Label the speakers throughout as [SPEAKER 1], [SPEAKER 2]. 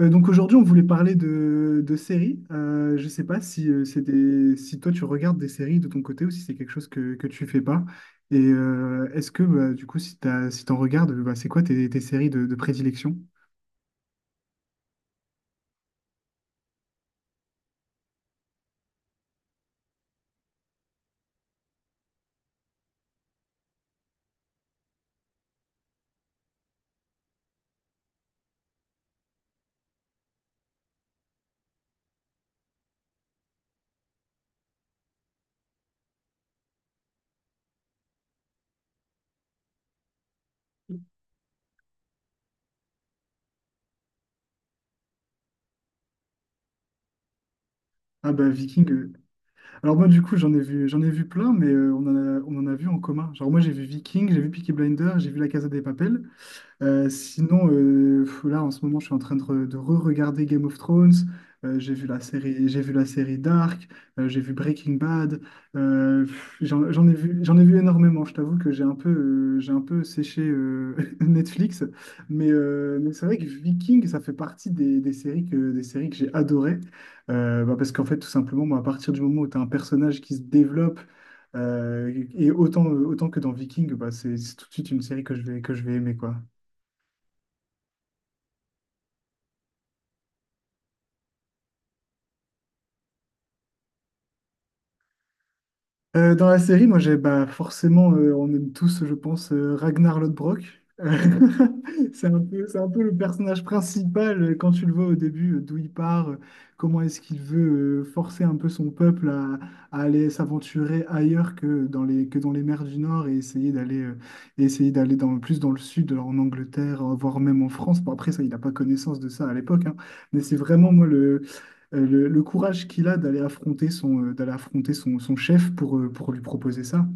[SPEAKER 1] Donc aujourd'hui, on voulait parler de séries. Je ne sais pas si toi tu regardes des séries de ton côté ou si c'est quelque chose que tu fais pas. Et est-ce que bah, du coup, si t'en regardes, bah, c'est quoi tes séries de prédilection? Ah bah Viking. Alors moi du coup, j'en ai vu plein, mais on en a vu en commun. Genre moi j'ai vu Viking, j'ai vu Peaky Blinders, j'ai vu La Casa de Papel. Sinon, là en ce moment, je suis en train de re-regarder Game of Thrones. J'ai vu la série Dark. J'ai vu Breaking Bad. Pff, j'en, j'en ai vu énormément. Je t'avoue que j'ai un peu séché Netflix, mais c'est vrai que Viking, ça fait partie des séries que j'ai adorées. Bah, parce qu'en fait, tout simplement, moi, à partir du moment où tu as un personnage qui se développe et autant que dans Viking, bah, c'est tout de suite une série que que je vais aimer, quoi. Dans la série, moi, j'ai bah, forcément, on aime tous, je pense, Ragnar Lodbrok. C'est c'est un peu le personnage principal, quand tu le vois au début, d'où il part, comment est-ce qu'il veut forcer un peu son peuple à aller s'aventurer ailleurs que que dans les mers du Nord et essayer d'aller plus dans le sud, en Angleterre, voire même en France. Bon, après, ça, il n'a pas connaissance de ça à l'époque, hein. Mais c'est vraiment moi, le courage qu'il a d'aller affronter son chef, pour lui proposer ça.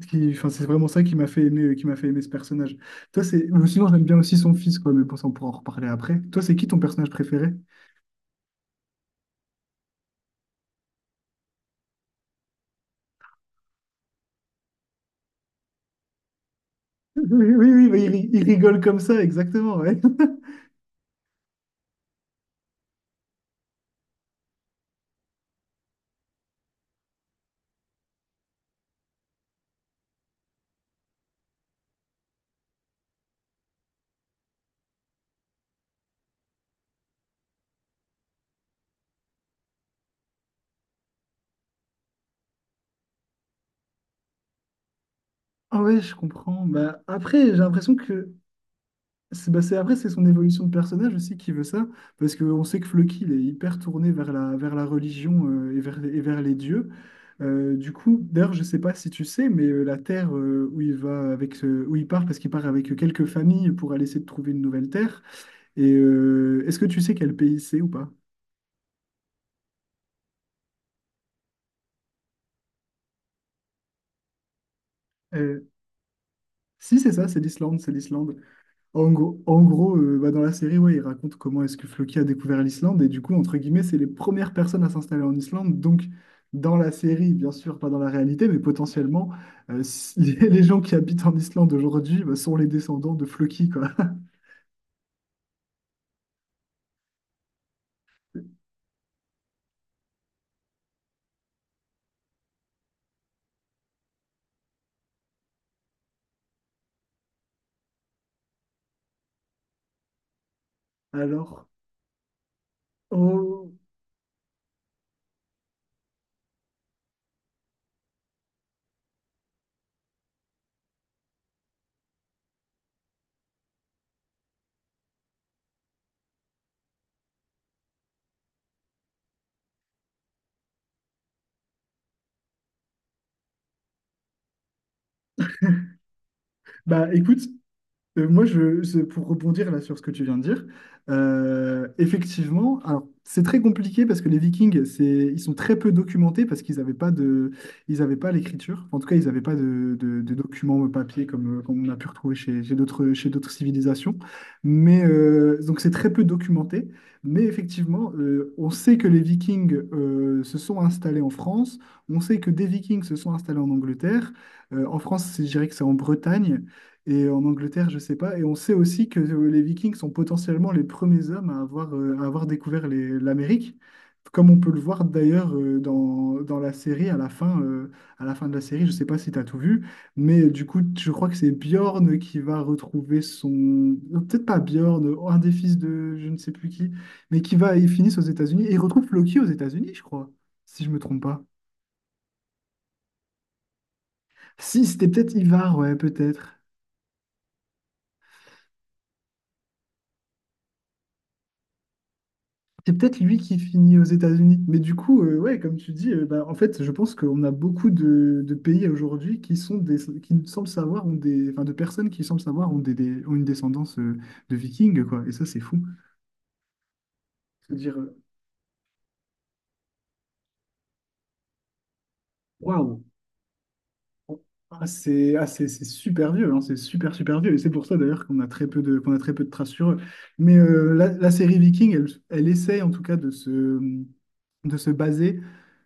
[SPEAKER 1] Enfin, c'est vraiment ça qui m'a fait aimer ce personnage. Ou sinon, j'aime bien aussi son fils, quoi, mais bon, ça, on pourra en reparler après. Toi, c'est qui ton personnage préféré? Oui, oui, oui, bah, il rigole comme ça, exactement, ouais. Ah ouais, je comprends. Bah, après, j'ai l'impression que après, c'est son évolution de personnage aussi qui veut ça, parce qu'on sait que Floki, il est hyper tourné vers vers la religion, et et vers les dieux. Du coup, d'ailleurs, je sais pas si tu sais, mais la terre, où il part, parce qu'il part avec quelques familles pour aller essayer de trouver une nouvelle terre. Et est-ce que tu sais quel pays c'est ou pas? Euh, Si, c'est ça, c'est l'Islande, c'est l'Islande. En gros, bah, dans la série, ouais, il raconte comment est-ce que Floki a découvert l'Islande. Et du coup, entre guillemets, c'est les premières personnes à s'installer en Islande. Donc, dans la série, bien sûr, pas dans la réalité, mais potentiellement, euh, si- les gens qui habitent en Islande aujourd'hui, bah, sont les descendants de Floki, quoi. Alors, oh, bah écoute, moi, pour rebondir là sur ce que tu viens de dire, effectivement, alors, c'est très compliqué parce que les Vikings, ils sont très peu documentés parce qu'ils avaient pas l'écriture. En tout cas, ils n'avaient pas de documents, papier, comme on a pu retrouver chez d'autres civilisations. Mais donc, c'est très peu documenté. Mais effectivement, on sait que les Vikings, se sont installés en France. On sait que des Vikings se sont installés en Angleterre. En France, je dirais que c'est en Bretagne. Et en Angleterre, je sais pas. Et on sait aussi que les Vikings sont potentiellement les premiers hommes à avoir découvert l'Amérique, comme on peut le voir d'ailleurs, dans la série à la fin de la série. Je sais pas si tu as tout vu, mais du coup, je crois que c'est Bjorn qui va retrouver son... Non, peut-être pas Bjorn, un des fils de je ne sais plus qui, ils finissent aux États-Unis. Et ils retrouvent Loki aux États-Unis, je crois, si je me trompe pas. Si, c'était peut-être Ivar, ouais, peut-être. C'est peut-être lui qui finit aux États-Unis. Mais du coup, ouais, comme tu dis, bah, en fait, je pense qu'on a beaucoup de pays aujourd'hui qui nous semblent savoir ont des, enfin, de personnes qui semblent savoir ont des, ont une descendance, de Vikings, quoi. Et ça, c'est fou. Se dire, waouh, c'est super vieux, hein, c'est super super vieux. Et c'est pour ça d'ailleurs qu'on a très peu de traces sur eux. Mais la série Viking, elle essaie en tout cas de se baser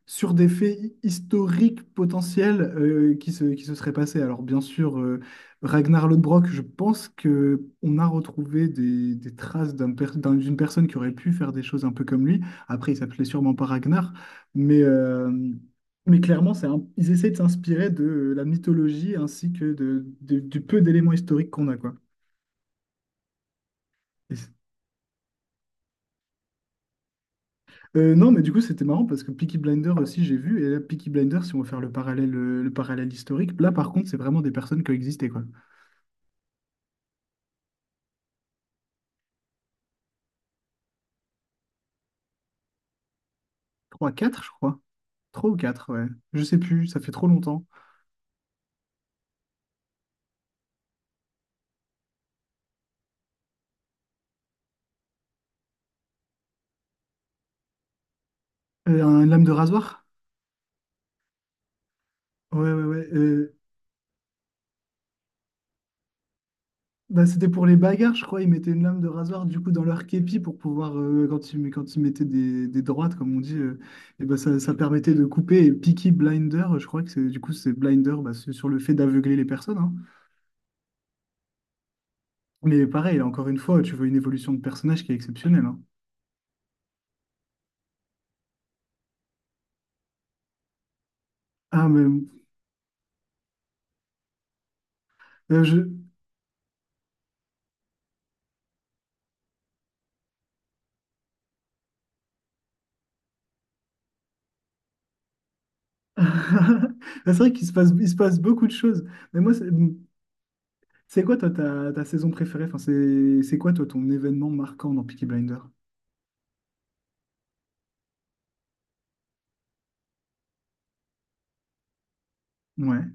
[SPEAKER 1] sur des faits historiques potentiels, qui se seraient passés. Alors bien sûr, Ragnar Lodbrok, je pense que on a retrouvé des traces d'une personne qui aurait pu faire des choses un peu comme lui. Après, il s'appelait sûrement pas Ragnar, mais, euh, mais clairement, ils essaient de s'inspirer de la mythologie ainsi que du peu d'éléments historiques qu'on a, quoi. Non, mais du coup, c'était marrant parce que Peaky Blinders aussi, j'ai vu. Et là, Peaky Blinders, si on veut faire le parallèle historique, là, par contre, c'est vraiment des personnes qui ont existé, quoi. Trois 4 je crois. Trois ou 4 ouais. Je sais plus, ça fait trop longtemps. Une lame de rasoir? Ouais, ouais, ouais. Bah, c'était pour les bagarres, je crois. Ils mettaient une lame de rasoir, du coup, dans leur képi, quand quand ils mettaient des droites, comme on dit, et ben ça permettait de couper. Et Peaky Blinder, je crois que c'est, du coup, c'est Blinder, bah, c'est sur le fait d'aveugler les personnes, hein. Mais pareil, encore une fois, tu vois une évolution de personnage qui est exceptionnelle, hein. Ah, mais euh, je... C'est vrai qu'il se passe beaucoup de choses. Mais moi, c'est quoi, toi, ta saison préférée? Enfin, c'est quoi, toi, ton événement marquant dans Peaky Blinder. Ouais,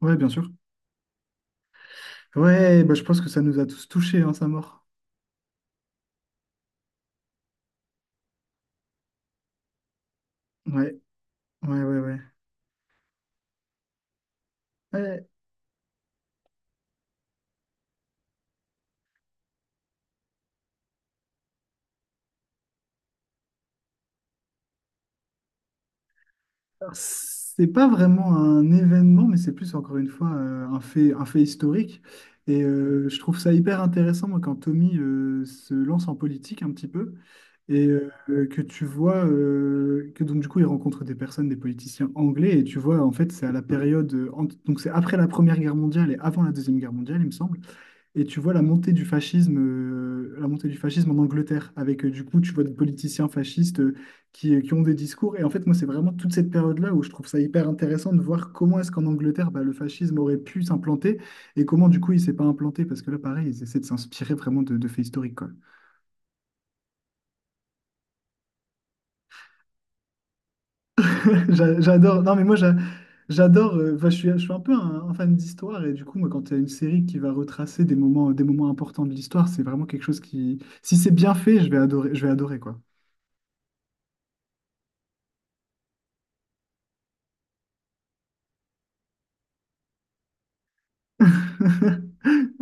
[SPEAKER 1] ouais, bien sûr. Ouais, bah, je pense que ça nous a tous touchés, hein, sa mort. Ouais, ouais, ouais, ouais. Ouais, c'est pas vraiment un événement, mais c'est plus encore une fois, un fait historique. Et je trouve ça hyper intéressant, moi, quand Tommy, se lance en politique un petit peu, et que tu vois que donc du coup il rencontre des personnes, des politiciens anglais, et tu vois en fait c'est à la donc c'est après la Première Guerre mondiale et avant la Deuxième Guerre mondiale, il me semble. Et tu vois la montée du fascisme en Angleterre, avec du coup, tu vois des politiciens fascistes, qui ont des discours. Et en fait, moi, c'est vraiment toute cette période-là où je trouve ça hyper intéressant de voir comment est-ce qu'en Angleterre, bah, le fascisme aurait pu s'implanter et comment, du coup, il s'est pas implanté. Parce que là, pareil, ils essaient de s'inspirer vraiment de faits historiques, quoi. J'adore. Non, mais moi, j'adore. Enfin, je suis un peu un fan d'histoire. Et du coup, moi, quand tu as une série qui va retracer des moments importants de l'histoire, c'est vraiment quelque chose qui, si c'est bien fait, je vais adorer, quoi.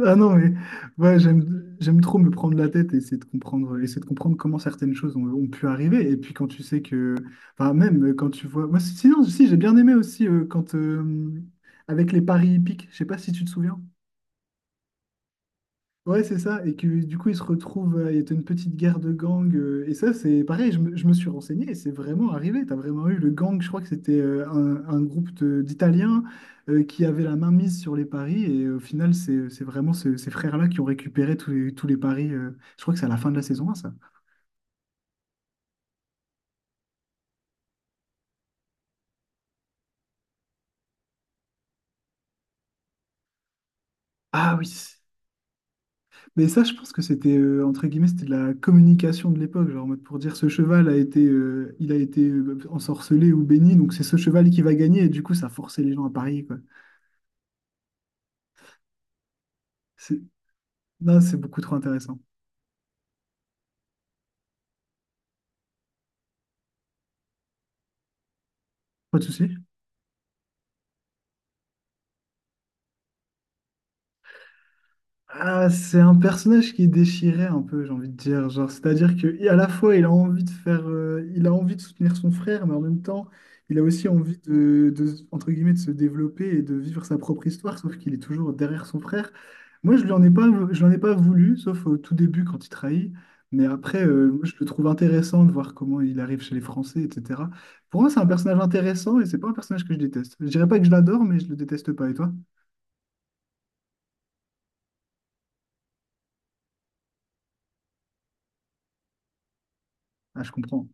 [SPEAKER 1] Ah non, mais ouais, j'aime trop me prendre la tête et essayer de comprendre comment certaines choses ont pu arriver. Et puis quand tu sais que, enfin, même, moi, sinon, si, j'ai bien aimé aussi, avec les paris hippiques, je sais pas si tu te souviens. Ouais, c'est ça. Et que du coup, il y a une petite guerre de gangs. Et ça, c'est pareil, je me suis renseigné et c'est vraiment arrivé. Tu as vraiment eu le gang, je crois que c'était, un d'Italiens, qui avait la main mise sur les paris. Et au final, c'est vraiment ces frères-là qui ont récupéré tous les paris. Je crois que c'est à la fin de la saison 1, ça. Ah oui. Mais ça, je pense que entre guillemets, c'était de la communication de l'époque, genre en mode pour dire ce cheval a été, il a été, ensorcelé ou béni, donc c'est ce cheval qui va gagner. Et du coup, ça forçait les gens à parier, quoi. C'est- Non, c'est beaucoup trop intéressant. Pas de souci. Ah, c'est un personnage qui est déchiré un peu, j'ai envie de dire. Genre, c'est-à-dire que à la fois, il a envie de soutenir son frère, mais en même temps, il a aussi envie entre guillemets, de se développer et de vivre sa propre histoire, sauf qu'il est toujours derrière son frère. Moi, je l'en ai pas voulu, sauf au tout début quand il trahit. Mais après, moi, je le trouve intéressant de voir comment il arrive chez les Français, etc. Pour moi, c'est un personnage intéressant et c'est pas un personnage que je déteste. Je dirais pas que je l'adore, mais je le déteste pas. Et toi? Ah, je comprends.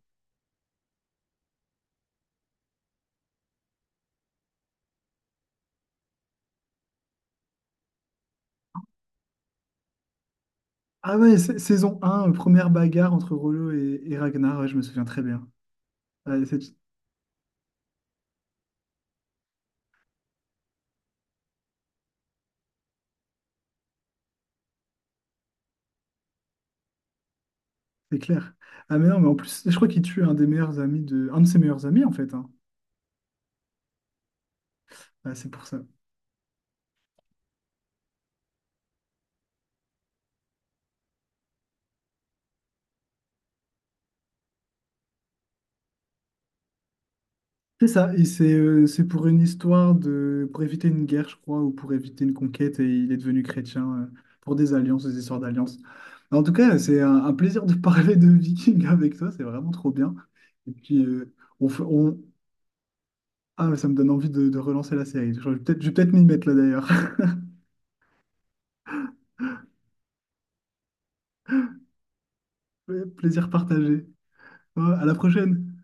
[SPEAKER 1] Ah ouais, saison 1, première bagarre entre Rollo et Ragnar, ouais, je me souviens très bien. Ouais, c'est clair. Ah mais non, mais en plus, je crois qu'il tue un de ses meilleurs amis en fait, hein. Ah, c'est pour ça. C'est ça, et c'est pour éviter une guerre, je crois, ou pour éviter une conquête, et il est devenu chrétien, pour des alliances, des histoires d'alliances. Mais en tout cas, c'est un plaisir de parler de Viking avec toi, c'est vraiment trop bien. Et puis, on... Ah, ça me donne envie de relancer la série. Je vais peut-être m'y mettre là d'ailleurs. Ouais, plaisir partagé. Ouais, à la prochaine.